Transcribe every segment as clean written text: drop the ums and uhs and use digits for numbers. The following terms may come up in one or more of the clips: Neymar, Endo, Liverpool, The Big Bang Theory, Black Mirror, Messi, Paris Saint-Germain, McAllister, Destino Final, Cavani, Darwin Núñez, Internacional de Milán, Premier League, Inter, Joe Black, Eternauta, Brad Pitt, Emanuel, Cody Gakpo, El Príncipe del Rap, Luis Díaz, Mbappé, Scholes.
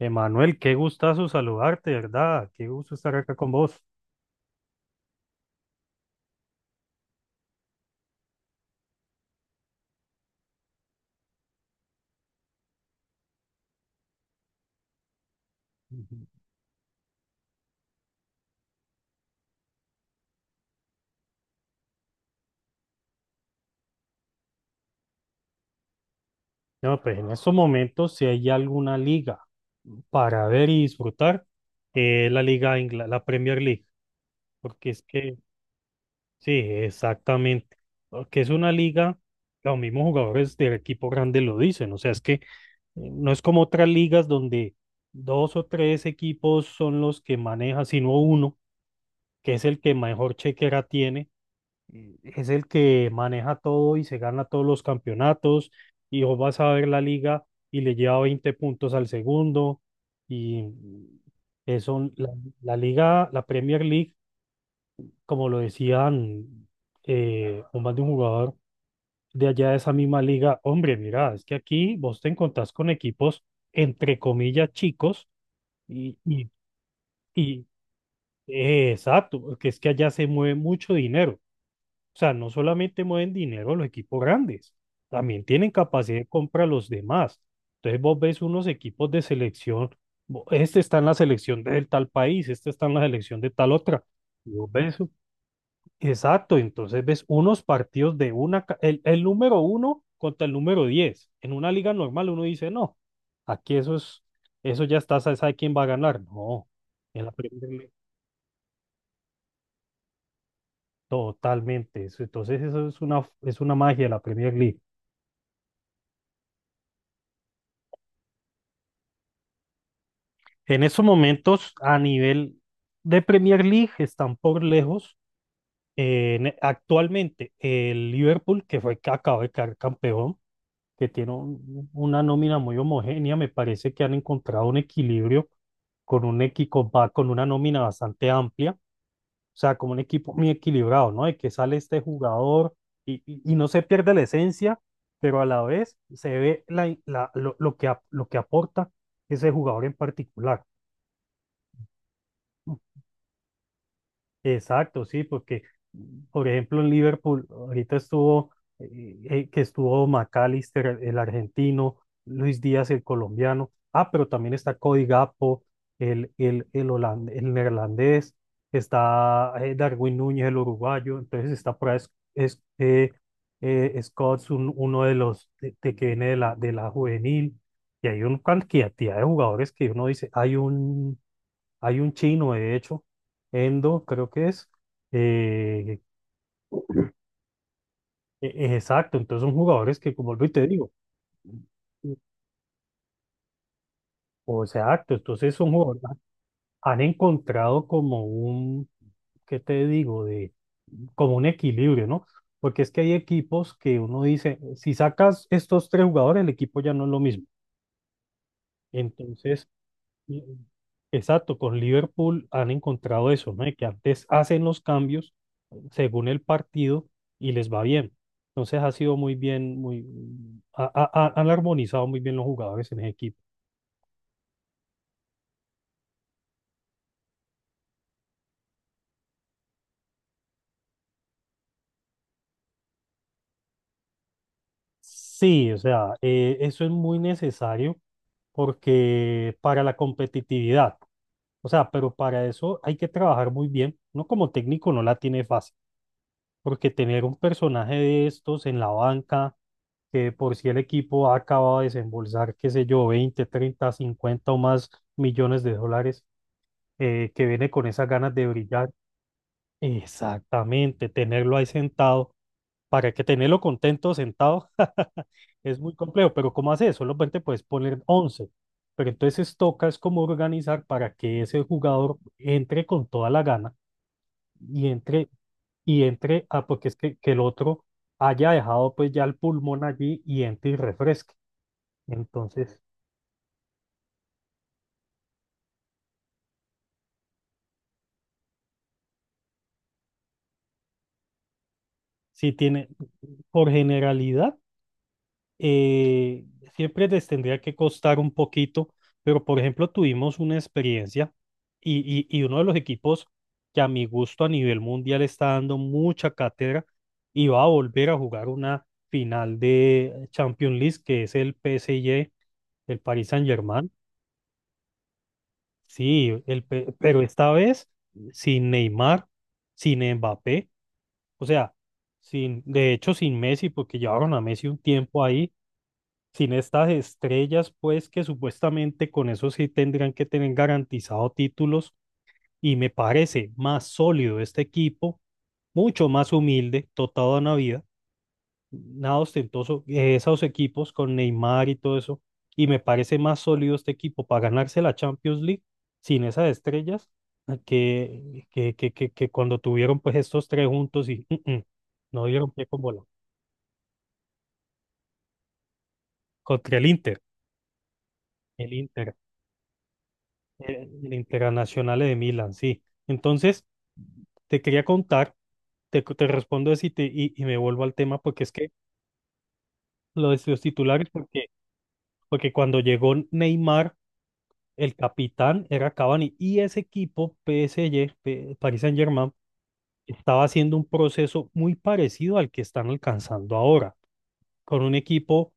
Emanuel, qué gustazo saludarte, ¿verdad? Qué gusto estar acá con vos. Ujú. No, pues en estos momentos, si hay alguna liga para ver y disfrutar, la la Premier League, porque es que, sí, exactamente, porque es una liga, los mismos jugadores del equipo grande lo dicen, o sea, es que no es como otras ligas donde dos o tres equipos son los que maneja, sino uno, que es el que mejor chequera tiene, es el que maneja todo y se gana todos los campeonatos, y vos vas a ver la liga y le lleva 20 puntos al segundo. Y eso, la liga, la Premier League, como lo decían, un más de un jugador de allá de esa misma liga, hombre, mira, es que aquí vos te encontrás con equipos entre comillas chicos, y, y, y exacto, que es que allá se mueve mucho dinero. O sea, no solamente mueven dinero los equipos grandes, también tienen capacidad de compra los demás. Entonces vos ves unos equipos de selección, este está en la selección del tal país, este está en la selección de tal otra. Y vos ves, exacto, entonces ves unos partidos de una, el número 1 contra el número 10. En una liga normal uno dice, no, aquí eso es, eso ya está, se sabe quién va a ganar. No, en la Premier League, totalmente. Entonces eso es una magia de la Premier League. En esos momentos, a nivel de Premier League, están por lejos. Actualmente, el Liverpool, que fue que acaba de quedar campeón, que tiene una nómina muy homogénea. Me parece que han encontrado un equilibrio con un equipo, con una nómina bastante amplia, o sea, como un equipo muy equilibrado, ¿no? De que sale este jugador y no se pierde la esencia, pero a la vez se ve lo que, lo que aporta ese jugador en particular. Exacto, sí, porque, por ejemplo, en Liverpool, ahorita estuvo, que estuvo McAllister, el argentino, Luis Díaz, el colombiano, ah, pero también está Cody Gakpo, el el neerlandés, está Darwin Núñez, el uruguayo, entonces está por ahí es, es- eh, Scholes, uno de los de que viene de de la juvenil, y hay una cantidad de jugadores que uno dice, hay un chino, de hecho, Endo, creo que es. eh, exacto, entonces son jugadores que, como y te digo, mm, o exacto, entonces son jugadores, han encontrado como un, ¿qué te digo? De, como un equilibrio, ¿no? Porque es que hay equipos que uno dice, si sacas estos tres jugadores, el equipo ya no es lo mismo. Entonces, y- exacto, con Liverpool han encontrado eso, ¿no? Que antes hacen los cambios según el partido y les va bien. Entonces ha sido muy bien, muy, han armonizado muy bien los jugadores en el equipo. Sí, o sea, eso es muy necesario porque para la competitividad, o sea, pero para eso hay que trabajar muy bien. Uno como técnico no la tiene fácil, porque tener un personaje de estos en la banca, que por si el equipo ha acabado de desembolsar, qué sé yo, 20, 30, 50 o más millones de USD, que viene con esas ganas de brillar. Exactamente, tenerlo ahí sentado, para que tenerlo contento sentado es muy complejo, pero ¿cómo hace eso? Solamente puedes poner 11, pero entonces toca es como organizar para que ese jugador entre con toda la gana y entre, y entre, ah, porque es que el otro haya dejado pues ya el pulmón allí y entre y refresque. Entonces, sí tiene, por generalidad, eh, siempre les tendría que costar un poquito, pero por ejemplo tuvimos una experiencia y uno de los equipos que a mi gusto a nivel mundial está dando mucha cátedra y va a volver a jugar una final de Champions League que es el PSG, el Paris Saint-Germain, sí, el, pe pero esta vez sin Neymar, sin Mbappé, o sea, sin, de hecho sin Messi porque llevaron a Messi un tiempo ahí sin estas estrellas, pues que supuestamente con eso sí tendrían que tener garantizado títulos, y me parece más sólido este equipo, mucho más humilde, dotado a vida, nada ostentoso, esos equipos con Neymar y todo eso, y me parece más sólido este equipo para ganarse la Champions League sin esas estrellas, que cuando tuvieron pues estos tres juntos y no dieron pie con bola contra el Inter, el Inter. El Internacional de Milán, sí. Entonces, te quería contar, te respondo eso y me vuelvo al tema, porque es que lo de los titulares, porque, porque cuando llegó Neymar, el capitán era Cavani, y ese equipo, PSG, Paris Saint-Germain, estaba haciendo un proceso muy parecido al que están alcanzando ahora, con un equipo,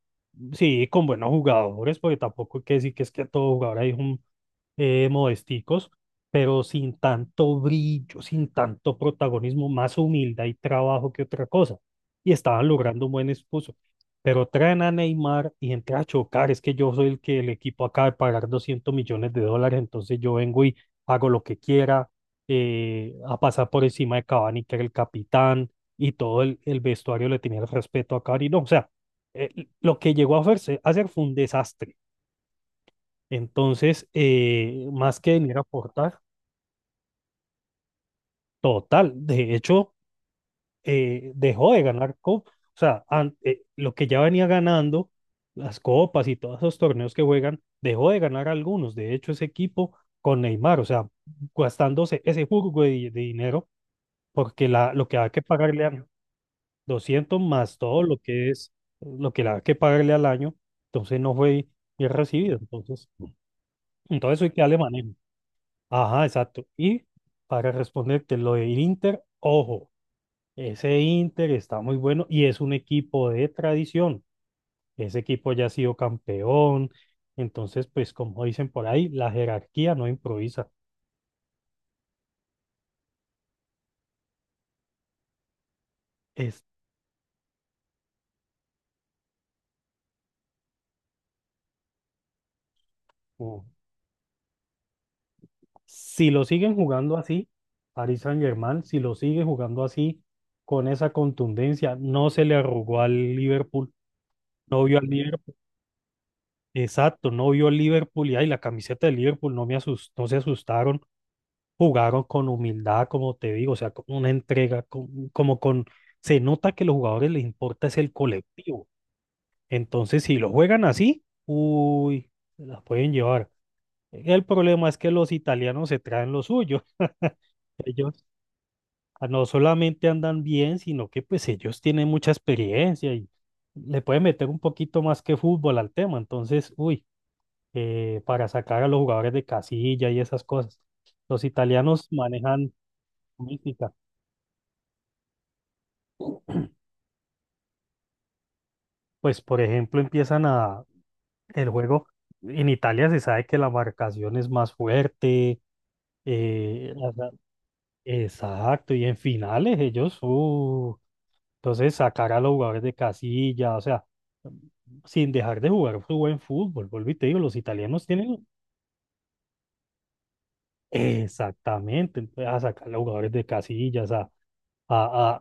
sí, con buenos jugadores, porque tampoco hay que decir que es que todo jugador hay, modesticos, pero sin tanto brillo, sin tanto protagonismo, más humildad y trabajo que otra cosa. Y estaban logrando un buen esposo. Pero traen a Neymar y entra a chocar. Es que yo soy el que el equipo acaba de pagar 200 millones de USD, entonces yo vengo y hago lo que quiera, a pasar por encima de Cavani, que era el capitán, y todo el vestuario le tenía el respeto a Cavani. No, o sea, eh, lo que a hacer fue un desastre. Entonces, más que venir a aportar, total, de hecho, dejó de ganar copas. O sea, lo que ya venía ganando, las copas y todos esos torneos que juegan, dejó de ganar algunos. De hecho, ese equipo con Neymar, o sea, gastándose ese jugo de dinero, porque la, lo que hay que pagarle a 200 más todo lo que es, lo que le hay que pagarle al año, entonces no fue bien recibido. Entonces, entonces hay que darle manejo. Ajá, exacto. Y para responderte lo del Inter, ojo, ese Inter está muy bueno y es un equipo de tradición. Ese equipo ya ha sido campeón. Entonces, pues como dicen por ahí, la jerarquía no improvisa. Es, u- si lo siguen jugando así, Paris Saint-Germain, si lo sigue jugando así, con esa contundencia, no se le arrugó al Liverpool. No vio al Liverpool, exacto, no vio al Liverpool y ay, la camiseta del Liverpool no me asustó, no se asustaron, jugaron con humildad, como te digo, o sea, con una entrega, como con, se nota que los jugadores les importa es el colectivo. Entonces, si lo juegan así, uy, se las pueden llevar. El problema es que los italianos se traen lo suyo. Ellos, ah, no solamente andan bien, sino que pues ellos tienen mucha experiencia y le pueden meter un poquito más que fútbol al tema. Entonces, uy, para sacar a los jugadores de casilla y esas cosas. Los italianos manejan... mística. Pues, por ejemplo, empiezan a el juego. En Italia se sabe que la marcación es más fuerte. Ajá. Exacto. Y en finales ellos, entonces sacar a los jugadores de casilla, o sea, sin dejar de jugar su buen fútbol. Vuelvo y te digo, los italianos tienen exactamente. Entonces, a sacar a los jugadores de casillas, a, a, a-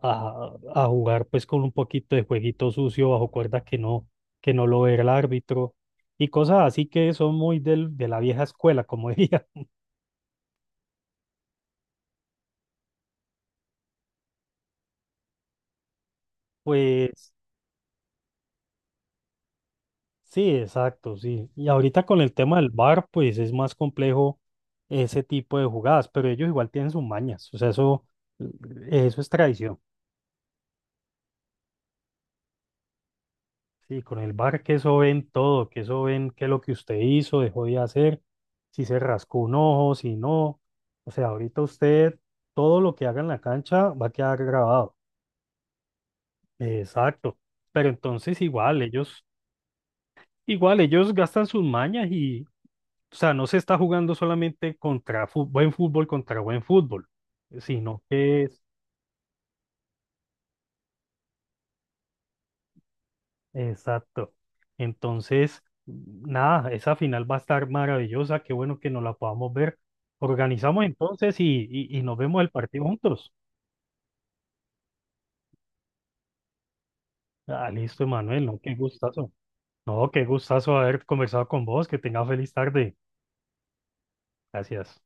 a- a jugar pues con un poquito de jueguito sucio bajo cuerda que no lo ve el árbitro, y cosas así que son muy del, de la vieja escuela, como diría. Pues sí, exacto, sí. Y ahorita con el tema del bar pues es más complejo ese tipo de jugadas, pero ellos igual tienen sus mañas, o sea, eso es tradición. Sí, con el bar, que eso ven todo, que eso ven qué es lo que usted hizo, dejó de hacer, si se rascó un ojo, si no. O sea, ahorita usted, todo lo que haga en la cancha va a quedar grabado. Exacto. Pero entonces igual, ellos gastan sus mañas y, o sea, no se está jugando solamente contra buen fútbol contra buen fútbol, sino que exacto. Entonces, nada, esa final va a estar maravillosa. Qué bueno que nos la podamos ver. Organizamos entonces y nos vemos el partido juntos. Ah, listo, Emanuel, ¿no? Qué gustazo. No, qué gustazo haber conversado con vos. Que tengas feliz tarde. Gracias.